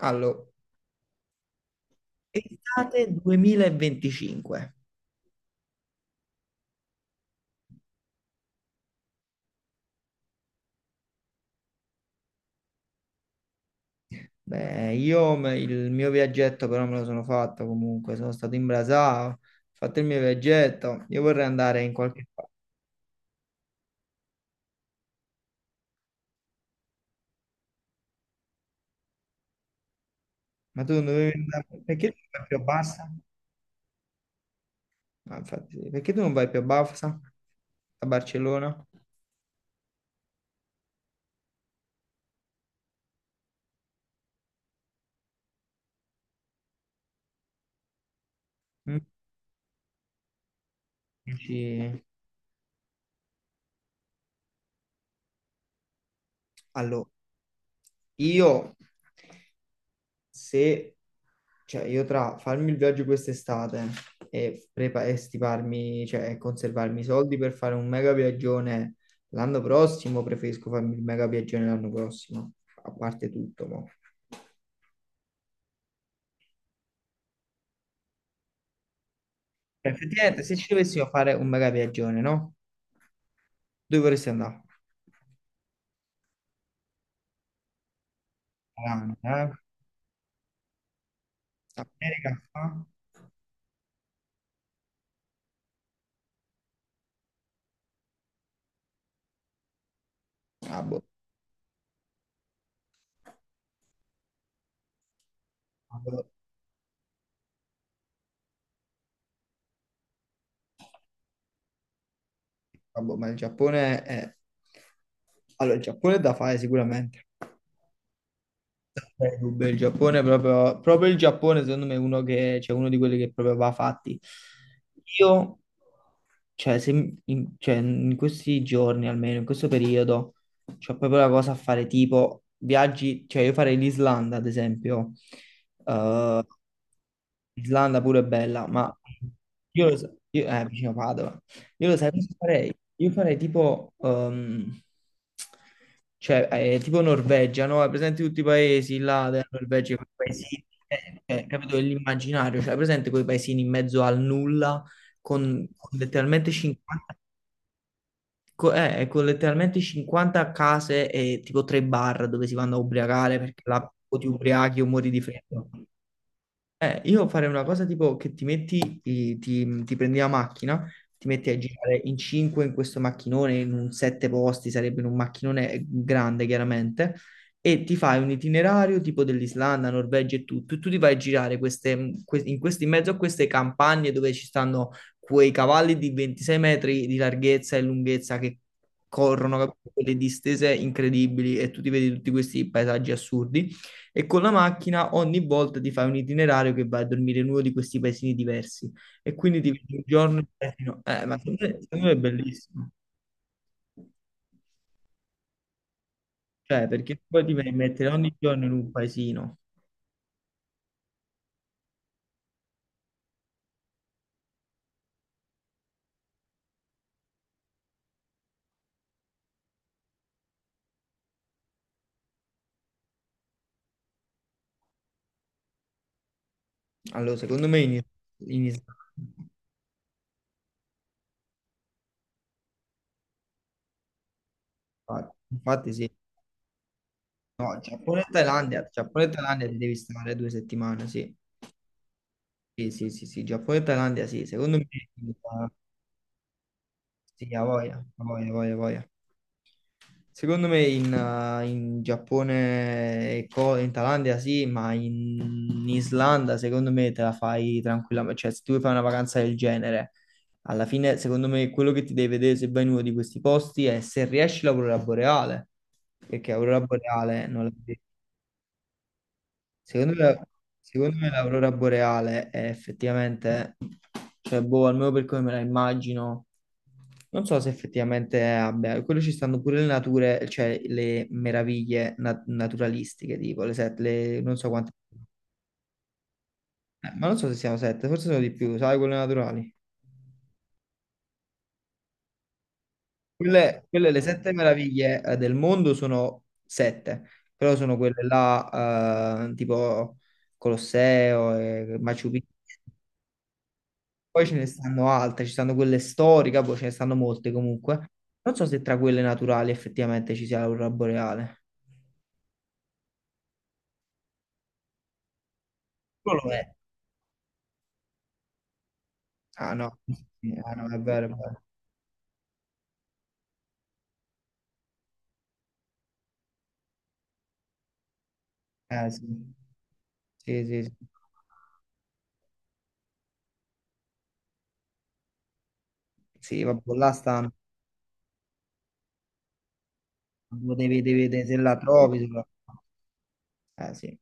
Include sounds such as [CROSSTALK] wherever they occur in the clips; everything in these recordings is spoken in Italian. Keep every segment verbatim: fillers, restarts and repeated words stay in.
Allora, estate duemilaventicinque. Beh, io me- il mio viaggetto però me lo sono fatto comunque, sono stato in Brasao, ho fatto il mio viaggetto, io vorrei andare in qualche parte. Ma tu non dovevi andare, perché tu non vai più a Barsa? Ah, infatti sì. Perché tu non vai più a Barsa? A Barcellona? Mm? Dici- Allora, io se Cioè, io tra farmi il viaggio quest'estate e, prepa- e stiparmi, cioè, e conservarmi i soldi per fare un mega viaggione l'anno prossimo, preferisco farmi il mega viaggione l'anno prossimo, a parte tutto, mo. Cioè, effettivamente, se ci dovessimo fare un mega viaggione, no? Dove vorresti andare? Milano, eh? America? Qua? Ah, boh. Ah, boh. Ah, boh, ma il Giappone è... Allora, il Giappone è da fare sicuramente. Beh, Cuba, il Giappone è proprio, proprio il Giappone, secondo me, è uno che, cioè, uno di quelli che proprio va fatti. Io, cioè, se- in, cioè, in questi giorni, almeno in questo periodo, c'ho proprio la cosa a fare tipo viaggi, cioè io farei l'Islanda, ad esempio. Eh, Islanda pure è bella, ma io, lo so- io eh, vicino Padova. Io lo sai cosa farei? Io farei tipo, ehm, cioè, eh, tipo Norvegia, no? Hai presente tutti i paesi là della Norvegia, quei paesi, eh, eh, capito, dell'immaginario, cioè, hai presente quei paesini in mezzo al nulla, con, con letteralmente cinquanta, co- eh, eh, con letteralmente cinquanta case e tipo tre bar dove si vanno a ubriacare, perché là o ti ubriachi o muori di freddo. Eh, io farei una cosa tipo che ti metti, i- ti, ti prendi la macchina, ti metti a girare in cinque in questo macchinone, in un sette posti, sarebbe in un macchinone grande chiaramente, e ti fai un itinerario tipo dell'Islanda, Norvegia e tutto, e tu ti vai a girare queste, que- in, questi, in mezzo a queste campagne dove ci stanno quei cavalli di ventisei metri di larghezza e lunghezza che corrono, capito? Quelle distese incredibili e tu ti vedi tutti questi paesaggi assurdi. E con la macchina ogni volta ti fai un itinerario che vai a dormire in uno di questi paesini diversi. E quindi ti vedi un giorno in un paesino. Eh, ma secondo me, secondo me è bellissimo. Cioè, perché poi ti vai a mettere ogni giorno in un paesino. Allora, secondo me in, in Islanda. Infatti, infatti sì. No, Giappone e Thailandia. Giappone e Thailandia ti devi stare due settimane, sì. Sì, sì, sì, sì. Giappone e Thailandia, sì. Secondo me sì, a voglia, a voglia, a voglia. A voglia. Secondo me in, eh, in Giappone, e co- in Thailandia sì, ma in Islanda secondo me te la fai tranquillamente. Cioè, se tu vuoi fare una vacanza del genere, alla fine secondo me quello che ti devi vedere se vai in uno di questi posti è se riesci l'aurora boreale, perché aurora boreale non la vedi. Secondo me, secondo me l'aurora boreale è effettivamente, cioè, boh, almeno per come me la immagino, non so se effettivamente abbia, quello ci stanno pure le nature, cioè le meraviglie na- naturalistiche, tipo le sette, le, non so quante, eh, ma non so se siano sette, forse sono di più, sai, quelle naturali. Quelle, quelle, le sette meraviglie eh, del mondo sono sette, però sono quelle là, eh, tipo Colosseo e Machu Picchu. Poi ce ne stanno altre, ci stanno quelle storiche, poi ce ne stanno molte comunque. Non so se tra quelle naturali effettivamente ci sia l'aurora boreale. Non lo vedo. Eh, Ah no, sì, ah, no, è vero, è vero. Eh sì, sì, sì, sì. Sì, vabbè, là stanno, devi, devi vedere se la trovi. Se la- Eh sì.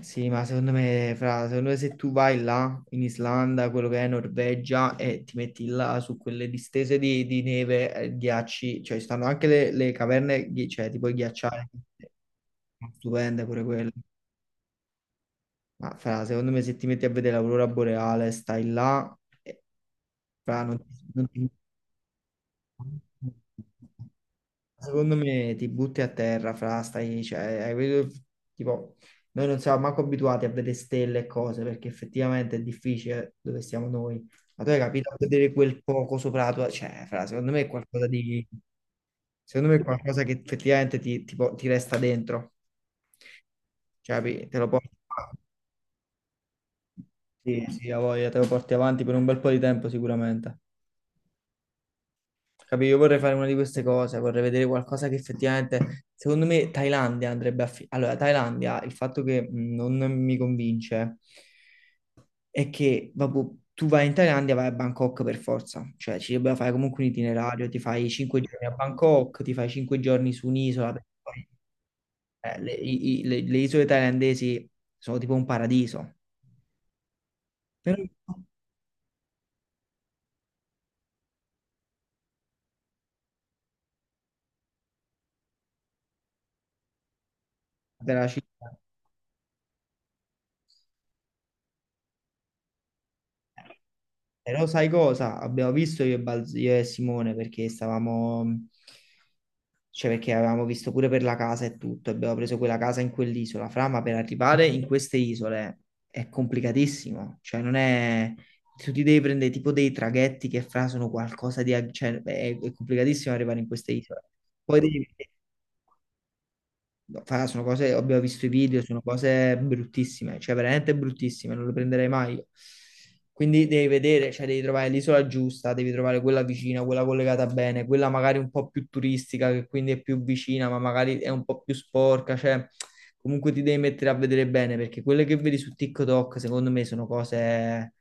Sì, ma secondo me, fra, secondo me se tu vai là in Islanda, quello che è Norvegia, e ti metti là su quelle distese di, di neve, eh, ghiacci, cioè ci stanno anche le, le caverne, ghi- cioè ti puoi ghiacciare, stupende pure quelle. Ma fra, secondo me se ti metti a vedere l'aurora boreale, stai là, e, fra, non ti... non ti- secondo me ti butti a terra, fra, stai, cioè, hai capito? Tipo, noi non siamo manco abituati a vedere stelle e cose, perché effettivamente è difficile dove siamo noi. Ma tu hai capito a vedere quel poco sopra la tua, cioè, fra, secondo me è qualcosa di, secondo me è qualcosa che effettivamente ti, ti po- ti resta dentro, cioè, capi? Te lo porti, sì, sì, ha voglia, te lo porti avanti per un bel po' di tempo sicuramente. Capì? Io vorrei fare una di queste cose, vorrei vedere qualcosa che effettivamente, secondo me, Thailandia andrebbe a... fi- allora, Thailandia, il fatto che mh, non mi convince è che, vabbè, tu vai in Thailandia, vai a Bangkok per forza, cioè ci dovrebbe fare comunque un itinerario, ti fai cinque giorni a Bangkok, ti fai cinque giorni su un'isola, perché poi, eh, le, i- i- le- le isole thailandesi sono tipo un paradiso. Però, della città. Però sai cosa? Abbiamo visto io e, Bal- io e Simone perché stavamo cioè, perché avevamo visto pure per la casa e tutto, abbiamo preso quella casa in quell'isola, fra, ma per arrivare in queste isole è complicatissimo. Cioè, non è... Tu ti devi prendere tipo dei traghetti che fra sono qualcosa di... ag- cioè, è, è complicatissimo arrivare in queste isole. Poi devi... No, fra, sono cose, abbiamo visto i video, sono cose bruttissime, cioè veramente bruttissime, non le prenderei mai. Quindi devi vedere, cioè devi trovare l'isola giusta, devi trovare quella vicina, quella collegata bene, quella magari un po' più turistica, che quindi è più vicina, ma magari è un po' più sporca, cioè comunque ti devi mettere a vedere bene, perché quelle che vedi su TikTok, secondo me, sono cose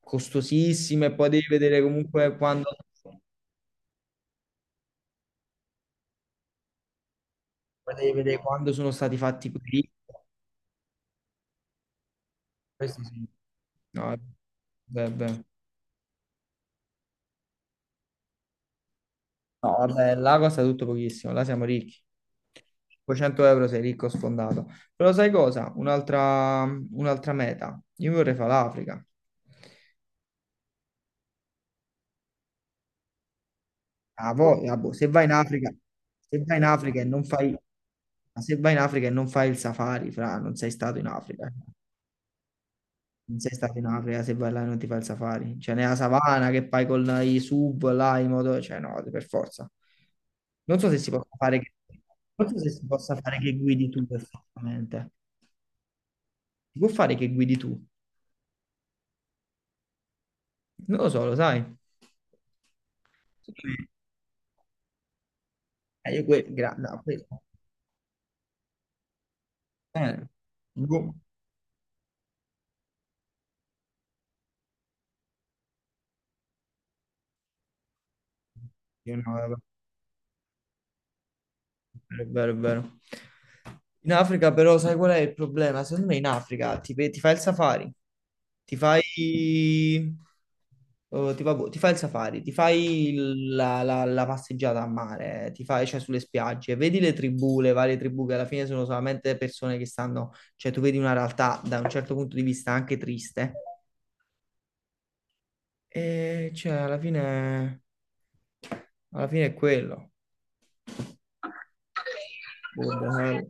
costosissime, e poi devi vedere comunque quando, poi devi vedere quando sono stati fatti quei video. Questo sì. No, è- beh, beh. No, vabbè, là costa tutto pochissimo, là siamo ricchi. cinquecento euro sei ricco sfondato. Però sai cosa? Un'altra un'altra meta. Io vorrei fare l'Africa. Ah, poi, ah, boh, se vai in Africa, se vai in Africa e non fai, ma se vai in Africa e non fai il safari, fra, non sei stato in Africa. Non sei stato in Africa se vai là e non ti fai il safari. Cioè, nella savana che fai con la- i sub, là, i moto... Cioè, no, per forza. Non so se si possa fare che... Non so se si possa fare che guidi tu perfettamente. Si può fare che guidi tu? Non lo so, lo sai. Eh, io que- gra- no, que- eh, boh. Io no, è vero, è vero. In Africa però sai qual è il problema? Secondo me in Africa ti, pe- ti fai il safari, ti fai, oh, ti, fa- boh, ti fai il safari, ti fai il- la, la- la passeggiata a mare, ti fai, cioè, sulle spiagge, vedi le tribù, le varie tribù che alla fine sono solamente persone che stanno, cioè tu vedi una realtà da un certo punto di vista anche triste e cioè alla fine, alla fine è quello. Boh,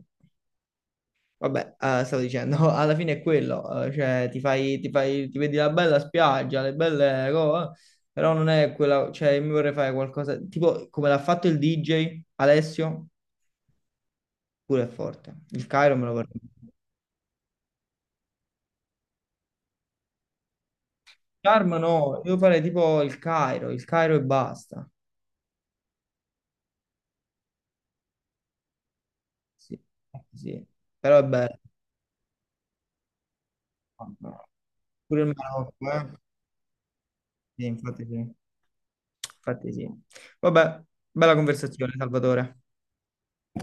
vabbè, eh, stavo dicendo, [LAUGHS] alla fine è quello, eh, cioè ti fai, ti fai, ti vedi la bella spiaggia, le belle cose, però non è quella, cioè io mi vorrei fare qualcosa, tipo come l'ha fatto il D J Alessio, pure è forte, il Cairo me lo vorrei. Sharm no, io farei tipo il Cairo, il Cairo e basta, sì, sì, però è bello, pure il Marocco, eh? Sì, infatti sì, infatti sì. Vabbè, bella conversazione, Salvatore.